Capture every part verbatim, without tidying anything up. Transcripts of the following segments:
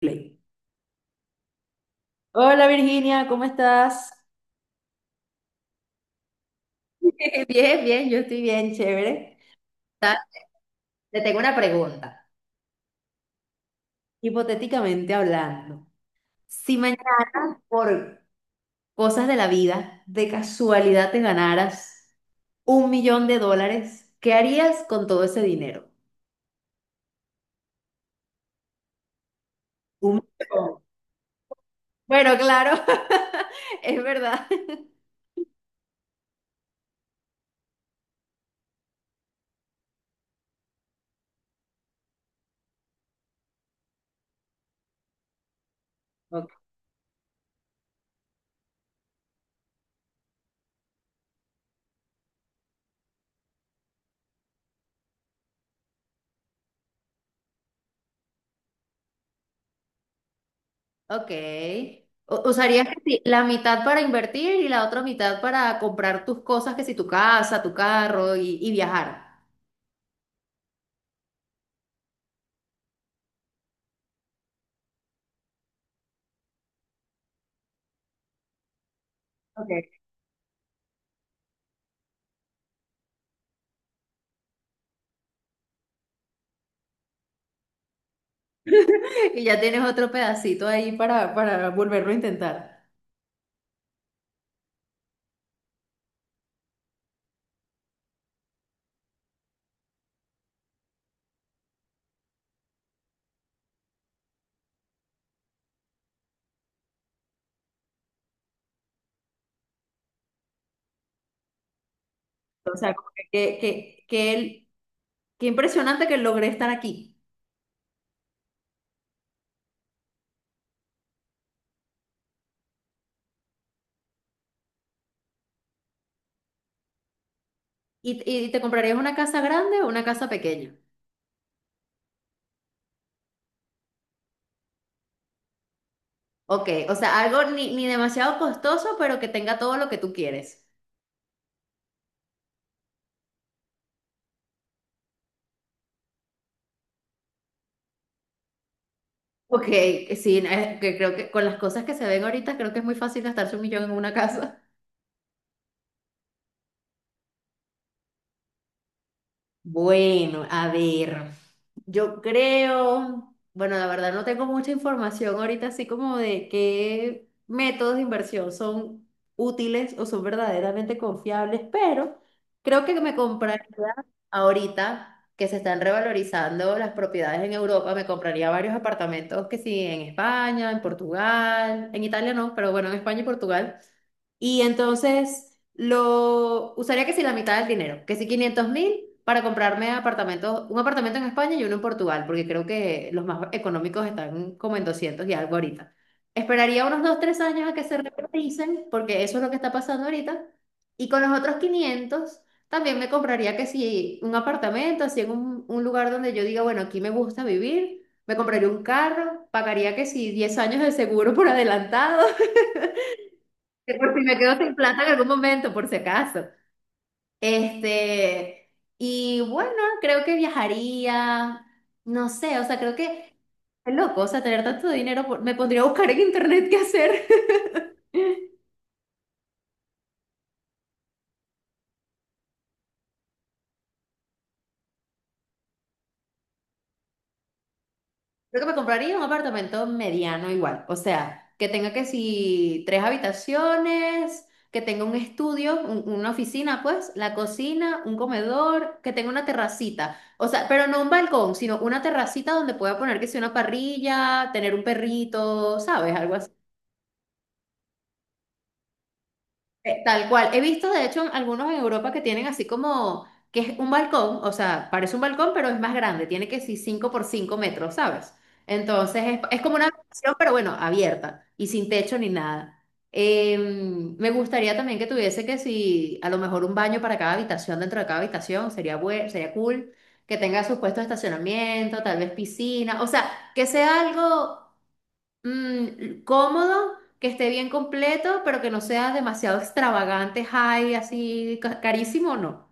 Play. Hola Virginia, ¿cómo estás? Bien, bien, yo estoy bien, chévere. Ta- Te tengo una pregunta. Hipotéticamente hablando, si mañana, por cosas de la vida, de casualidad te ganaras un millón de dólares, ¿qué harías con todo ese dinero? Un millón. Bueno, claro, es verdad. Ok. U- ¿Usarías que sí, la mitad para invertir y la otra mitad para comprar tus cosas, que si tu casa, tu carro y, y viajar? Ok. Y ya tienes otro pedacito ahí para, para volverlo a intentar. O sea, como que, que, que, que el- qué impresionante que logré estar aquí. ¿Y, y te comprarías una casa grande o una casa pequeña? Ok, o sea, algo ni, ni demasiado costoso, pero que tenga todo lo que tú quieres. Ok, sí, eh, que creo que con las cosas que se ven ahorita, creo que es muy fácil gastarse un millón en una casa. Bueno, a ver, yo creo, bueno, la verdad no tengo mucha información ahorita, así como de qué métodos de inversión son útiles o son verdaderamente confiables, pero creo que me compraría ahorita que se están revalorizando las propiedades en Europa, me compraría varios apartamentos que sí, en España, en Portugal, en Italia no, pero bueno, en España y Portugal. Y entonces lo usaría que si la mitad del dinero, que si quinientos mil para comprarme apartamentos, un apartamento en España y uno en Portugal, porque creo que los más económicos están como en doscientos y algo ahorita. Esperaría unos dos tres años a que se revaloricen, porque eso es lo que está pasando ahorita. Y con los otros quinientos también me compraría que si un apartamento, así en un, un lugar donde yo diga, bueno, aquí me gusta vivir, me compraría un carro, pagaría que si diez años de seguro por adelantado. Que por si me quedo sin plata en algún momento, por si acaso. Este, y bueno, creo que viajaría, no sé, o sea, creo que es loco, o sea, tener tanto dinero, por- me pondría a buscar en internet qué hacer. Creo que me compraría un apartamento mediano igual, o sea, que tenga que si tres habitaciones, que tenga un estudio, un- una oficina, pues, la cocina, un comedor, que tenga una terracita, o sea, pero no un balcón, sino una terracita donde pueda poner que sea una parrilla, tener un perrito, ¿sabes? Algo. Eh, Tal cual. He visto, de hecho, algunos en Europa que tienen así como, que es un balcón, o sea, parece un balcón, pero es más grande, tiene que ser cinco por cinco metros, ¿sabes? Entonces es, es como una habitación, pero bueno, abierta y sin techo ni nada. Eh, me gustaría también que tuviese que si, a lo mejor un baño para cada habitación, dentro de cada habitación, sería bue- sería cool, que tenga sus puestos de estacionamiento, tal vez piscina, o sea, que sea algo mm, cómodo, que esté bien completo, pero que no sea demasiado extravagante, high, así ca- carísimo, no.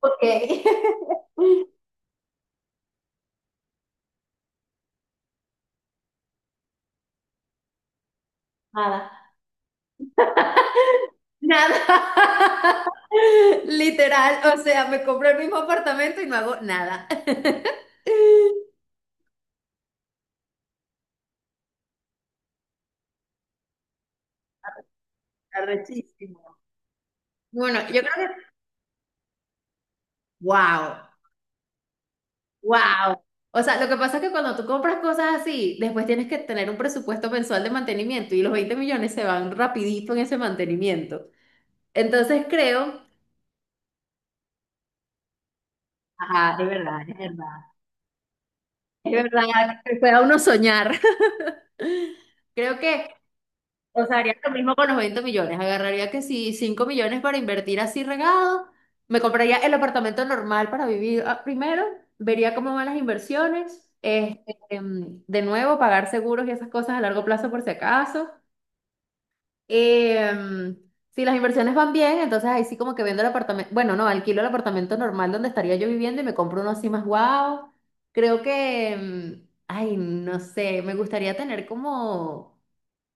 Ok. Nada. Nada. Literal, o sea, me compré el mismo apartamento y no hago nada. Arrechísimo. Bueno, yo creo que, wow, wow. O sea, lo que pasa es que cuando tú compras cosas así, después tienes que tener un presupuesto mensual de mantenimiento y los veinte millones se van rapidito en ese mantenimiento. Entonces creo, ajá, es verdad, es verdad, es verdad, que pueda uno soñar. Creo que, o sea, haría lo mismo con los 20 millones. Agarraría que si cinco millones para invertir así regado, me compraría el apartamento normal para vivir ah, primero, vería cómo van las inversiones, este, em, de nuevo, pagar seguros y esas cosas a largo plazo por si acaso. Em, si las inversiones van bien, entonces ahí sí como que vendo el apartamento, bueno, no, alquilo el apartamento normal donde estaría yo viviendo y me compro uno así más guau. Creo que, em, ay, no sé, me gustaría tener como,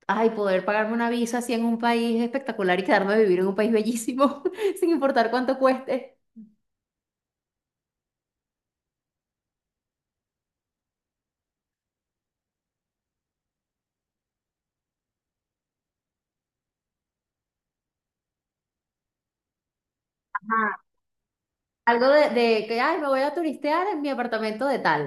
ay, poder pagarme una visa así en un país espectacular y quedarme a vivir en un país bellísimo, sin importar cuánto cueste. Algo de, de que, ay, me voy a turistear en mi apartamento de tal.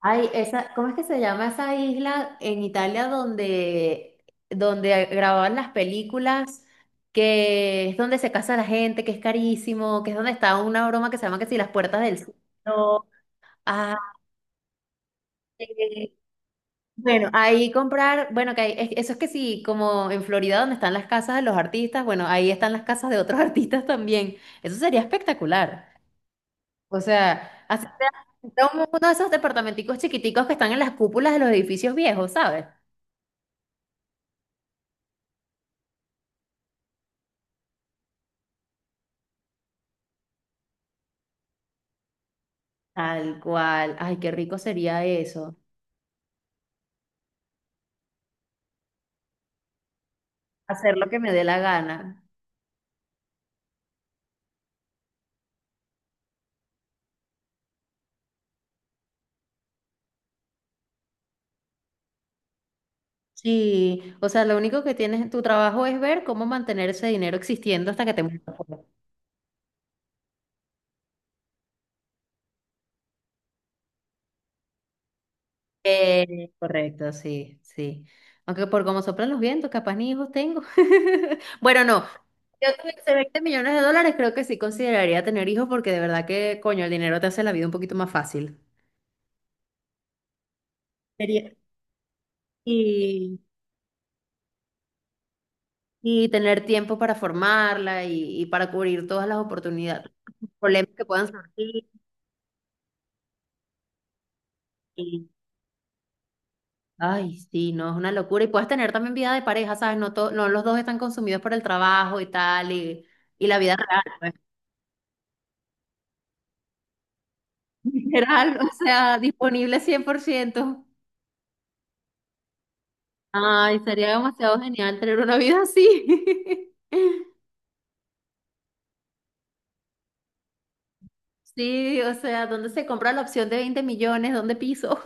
Ay, esa, ¿cómo es que se llama esa isla en Italia donde, donde grababan las películas? Que es donde se casa la gente, que es carísimo, que es donde está una broma que se llama que si las puertas del cielo. Ah, eh, bueno, ahí comprar, bueno, que ahí- es- eso es que sí, como en Florida donde están las casas de los artistas, bueno, ahí están las casas de otros artistas también. Eso sería espectacular. O sea, así sea sea un- uno de esos departamenticos chiquiticos que están en las cúpulas de los edificios viejos, ¿sabes? Tal cual. Ay, qué rico sería eso. Hacer lo que me dé la gana. Sí, o sea, lo único que tienes en tu trabajo es ver cómo mantener ese dinero existiendo hasta que te mueras. Eh, correcto, sí, sí. Aunque por cómo soplan los vientos, capaz ni hijos tengo. Bueno, no. Yo tuviese 20 millones de dólares, creo que sí consideraría tener hijos porque de verdad que, coño, el dinero te hace la vida un poquito más fácil. Sería. Y Y tener tiempo para formarla y, y para cubrir todas las oportunidades, problemas que puedan surgir. Y, ay, sí, no, es una locura. Y puedes tener también vida de pareja, ¿sabes? No, to- no los dos están consumidos por el trabajo y tal, y, y la vida real, pues, literal, o sea, disponible cien por ciento. Ay, sería demasiado genial tener una vida así. Sí, o sea, ¿dónde se compra la opción de veinte millones? ¿Dónde piso?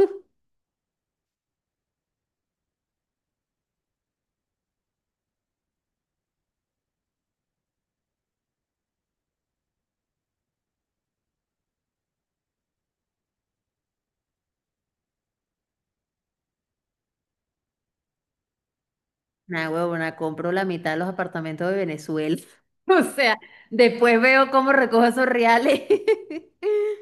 Nah, huevona, compro la mitad de los apartamentos de Venezuela. O sea, después veo cómo recojo esos reales.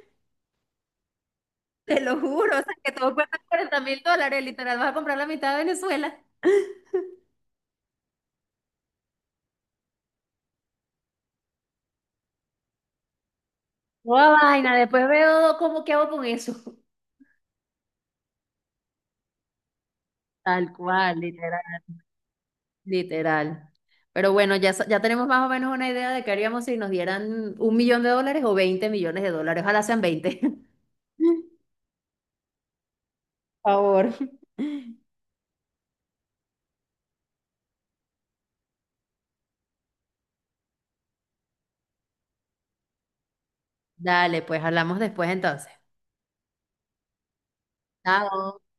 Te lo juro, o sea, que todo cuesta cuarenta mil dólares, literal, vas a comprar la mitad de Venezuela. Toda vaina, después veo cómo qué hago con eso. Tal cual, literal, literal. Pero bueno, ya, sa- ya tenemos más o menos una idea de qué haríamos si nos dieran un millón de dólares o veinte millones de dólares. Ojalá sean veinte. Por favor. Dale, pues hablamos después entonces. Chao.